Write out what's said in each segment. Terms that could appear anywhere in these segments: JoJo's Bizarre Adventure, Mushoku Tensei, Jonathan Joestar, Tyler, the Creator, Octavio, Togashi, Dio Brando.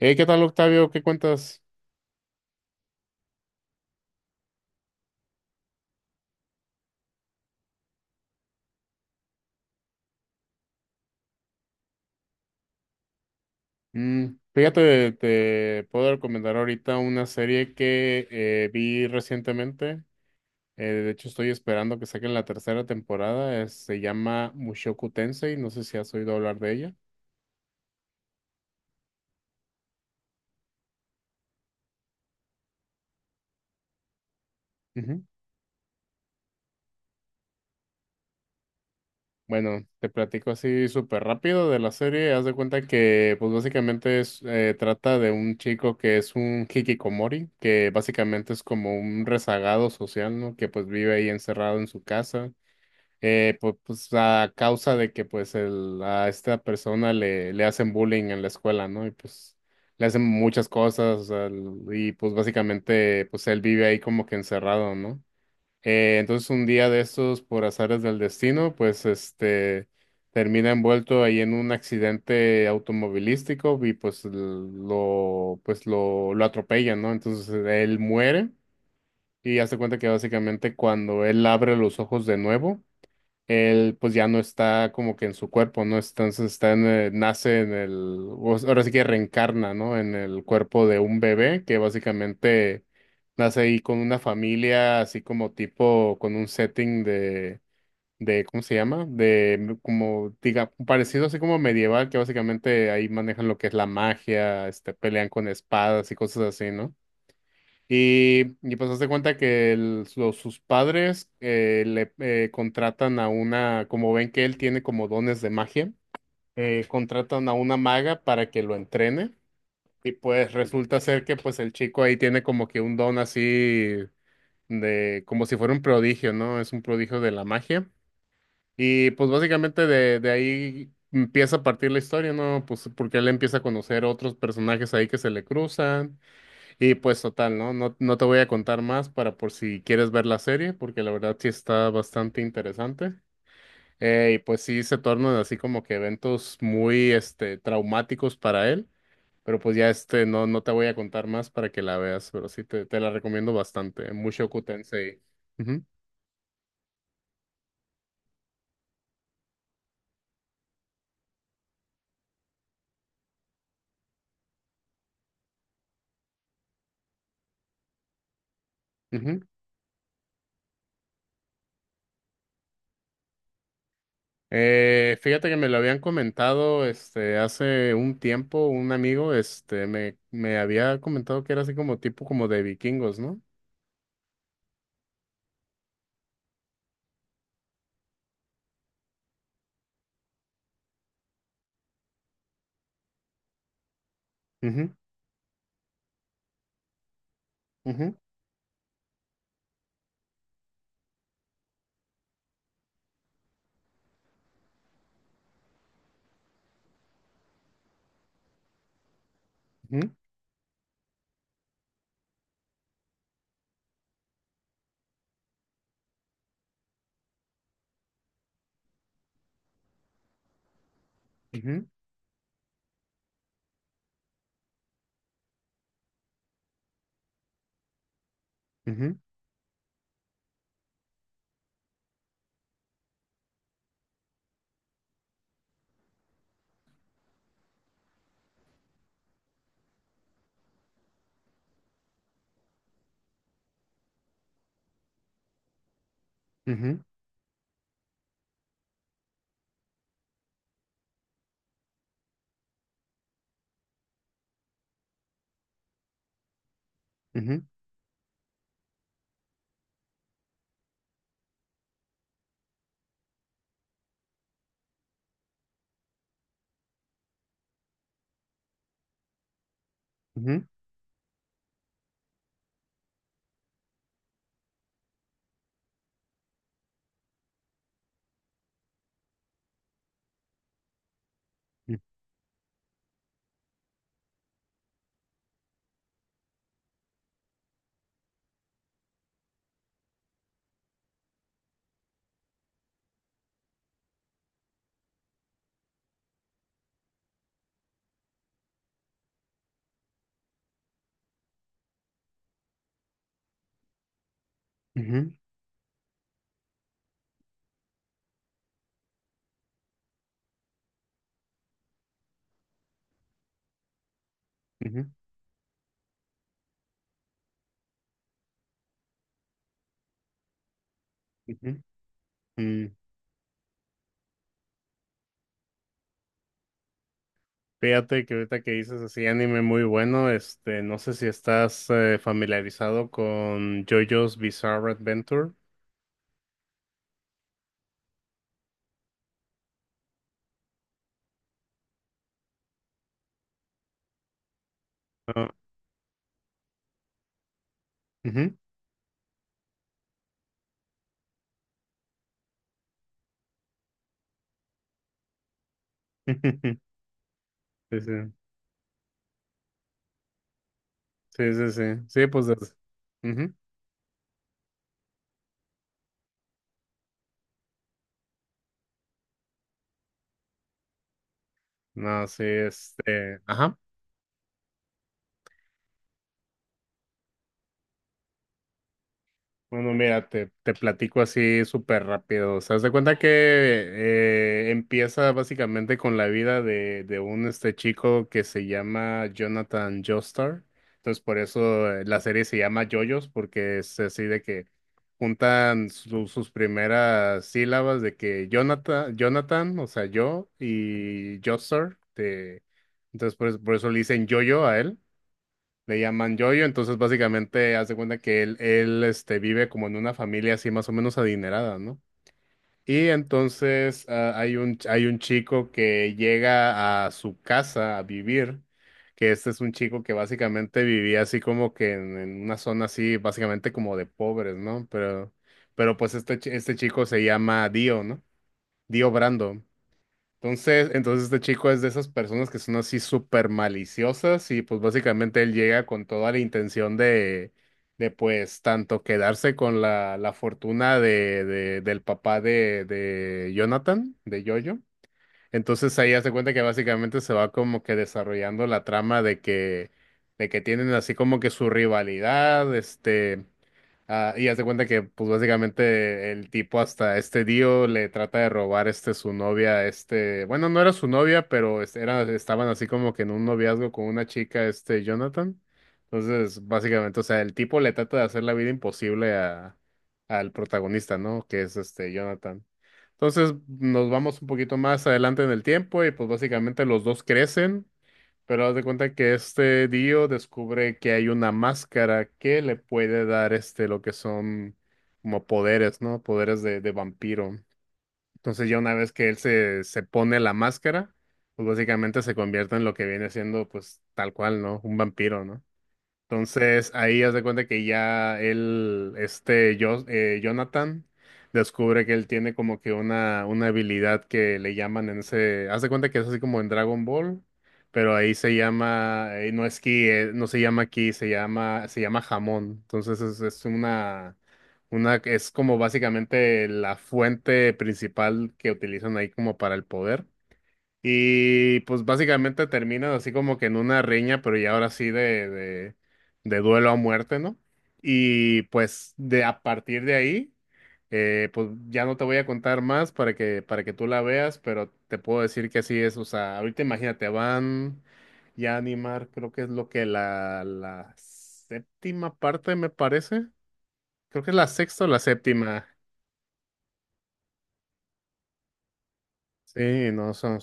Hey, ¿qué tal, Octavio? ¿Qué cuentas? Mm, fíjate, te puedo recomendar ahorita una serie que vi recientemente. De hecho, estoy esperando que saquen la tercera temporada. Se llama Mushoku Tensei. No sé si has oído hablar de ella. Ujú. Bueno, te platico así súper rápido de la serie. Haz de cuenta que, pues básicamente es, trata de un chico que es un hikikomori, que básicamente es como un rezagado social, ¿no? Que pues vive ahí encerrado en su casa. Pues, a causa de que pues a esta persona le hacen bullying en la escuela, ¿no? Y pues le hacen muchas cosas, o sea, y pues básicamente pues él vive ahí como que encerrado, ¿no? Entonces un día de estos, por azares del destino, pues este termina envuelto ahí en un accidente automovilístico y pues lo atropellan, ¿no? Entonces él muere y hace cuenta que básicamente cuando él abre los ojos de nuevo, él pues ya no está como que en su cuerpo, ¿no? Entonces está en, nace en el, o sea, ahora sí que reencarna, ¿no? En el cuerpo de un bebé que básicamente nace ahí con una familia, así como tipo, con un setting de, ¿cómo se llama? Como, diga, parecido así como medieval, que básicamente ahí manejan lo que es la magia, este, pelean con espadas y cosas así, ¿no? Y pues hazte cuenta que sus padres le contratan a una, como ven que él tiene como dones de magia, contratan a una maga para que lo entrene. Y pues resulta ser que pues el chico ahí tiene como que un don así de, como si fuera un prodigio, ¿no? Es un prodigio de la magia. Y pues básicamente de ahí empieza a partir la historia, ¿no? Pues porque él empieza a conocer otros personajes ahí que se le cruzan. Y pues total, ¿no? No te voy a contar más para por si quieres ver la serie, porque la verdad sí está bastante interesante. Y pues sí se tornan así como que eventos muy este traumáticos para él. Pero pues ya este no te voy a contar más para que la veas, pero sí te la recomiendo bastante. Mushoku Tensei. Ujú, ujú. Fíjate que me lo habían comentado este hace un tiempo, un amigo, este, me había comentado que era así como tipo como de vikingos, ¿no? Ujú, ujú, ujú. Ujú, ujú, ujú, ujú, ujú, ujú, ujú, ujú. Ujú. Mm, fíjate que ahorita que dices así anime muy bueno, este, no sé si estás familiarizado con JoJo's Bizarre Adventure. Ah, ujú. Sí, sí, sí, sí, sí, sí, pues, ujú. No, sí, este, ajá. Bueno, mira, te platico así súper rápido. O sea, haz de cuenta que empieza básicamente con la vida de un este chico que se llama Jonathan Joestar. Entonces, por eso la serie se llama JoJo's, porque es así de que juntan sus primeras sílabas de que Jonathan, Jonathan, o sea, yo, y Joestar. Entonces, por eso le dicen JoJo a él. Le llaman Yoyo, entonces básicamente haz de cuenta que él este, vive como en una familia así más o menos adinerada, ¿no? Y entonces ah, hay un, hay un chico que llega a su casa a vivir, que este es un chico que básicamente vivía así como que en una zona así, básicamente como de pobres, ¿no? Pero pues este, este chico se llama Dio, ¿no? Dio Brando. Entonces este chico es de esas personas que son así súper maliciosas y pues básicamente él llega con toda la intención de pues tanto quedarse con la, la fortuna de, del papá de Jonathan, de Jojo. Entonces ahí hace cuenta que básicamente se va como que desarrollando la trama de que tienen así como que su rivalidad, este, ah, y hace cuenta que pues básicamente el tipo hasta este Dio le trata de robar este su novia, este, bueno, no era su novia, pero era, estaban así como que en un noviazgo con una chica, este, Jonathan. Entonces, básicamente, o sea, el tipo le trata de hacer la vida imposible a, al protagonista, ¿no? Que es este Jonathan. Entonces nos vamos un poquito más adelante en el tiempo y pues básicamente los dos crecen, pero haz de cuenta que este Dio descubre que hay una máscara que le puede dar este lo que son como poderes, ¿no? Poderes de vampiro. Entonces ya una vez que se pone la máscara, pues básicamente se convierte en lo que viene siendo pues tal cual, ¿no? Un vampiro, ¿no? Entonces ahí haz de cuenta que ya él, este Jonathan, descubre que él tiene como que una habilidad que le llaman en ese, haz de cuenta que es así como en Dragon Ball, pero ahí se llama, no se llama ki, se llama jamón. Entonces es una, es como básicamente la fuente principal que utilizan ahí como para el poder. Y pues básicamente termina así como que en una riña, pero ya ahora sí de duelo a muerte, ¿no? Y pues de a partir de ahí, pues ya no te voy a contar más para que tú la veas, pero te puedo decir que así es. O sea, ahorita imagínate, van ya a animar, creo que es lo que la séptima parte me parece. Creo que es la sexta o la séptima. Sí, no son.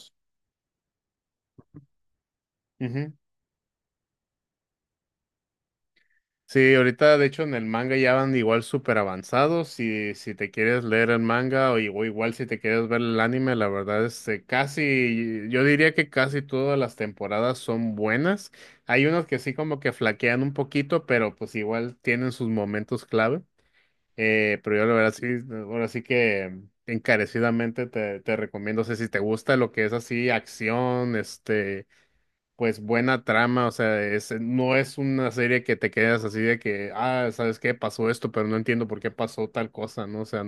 Sí, ahorita de hecho en el manga ya van igual súper avanzados. Si te quieres leer el manga o igual si te quieres ver el anime, la verdad es que casi, yo diría que casi todas las temporadas son buenas. Hay unos que sí como que flaquean un poquito, pero pues igual tienen sus momentos clave. Pero yo la verdad sí, ahora sí que encarecidamente te recomiendo, o sea, si te gusta lo que es así, acción, este pues buena trama, o sea, no es una serie que te quedas así de que, ah, ¿sabes qué? Pasó esto, pero no entiendo por qué pasó tal cosa, ¿no? O sea,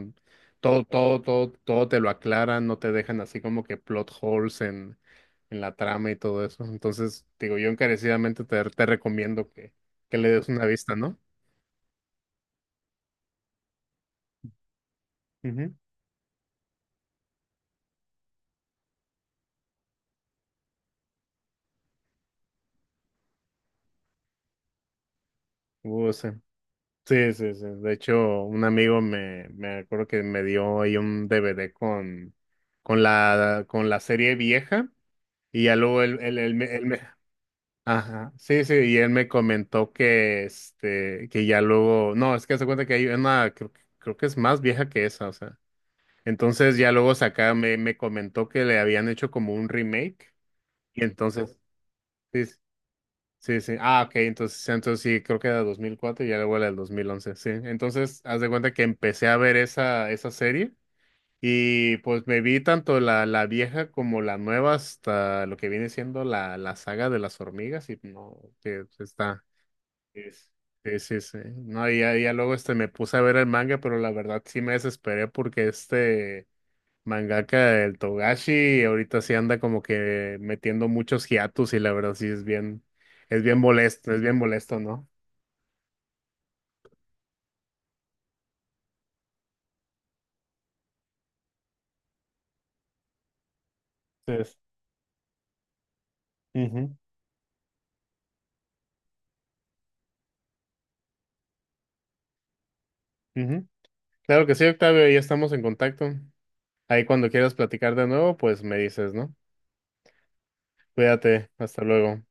todo, todo, todo, todo te lo aclaran, no te dejan así como que plot holes en la trama y todo eso. Entonces, digo, yo encarecidamente te recomiendo que le des una vista, ¿no? Ujú. Sí. Sí, sí, sí. De hecho, un amigo me acuerdo que me dio ahí un DVD con la serie vieja. Y ya luego ajá, sí, sí, y él me comentó que, este, que ya luego, no, es que se cuenta que hay una, creo que es más vieja que esa, o sea, entonces ya luego saca, me comentó que le habían hecho como un remake, y entonces, sí, sí, sí, ah, ok, entonces sí, creo que era 2004 y ya luego era del 2011 sí, entonces, haz de cuenta que empecé a ver esa, esa serie, y pues me vi tanto la, la vieja como la nueva hasta lo que viene siendo la, la saga de las hormigas y no, que está. es- Sí, sí, sí. No, y ya, ya luego este me puse a ver el manga, pero la verdad sí me desesperé porque este mangaka, el Togashi, ahorita sí anda como que metiendo muchos hiatus y la verdad sí es bien molesto, ¿no? Entonces, ujú, ujú. Claro que sí, Octavio, ya estamos en contacto. Ahí cuando quieras platicar de nuevo, pues me dices, ¿no? Cuídate, hasta luego.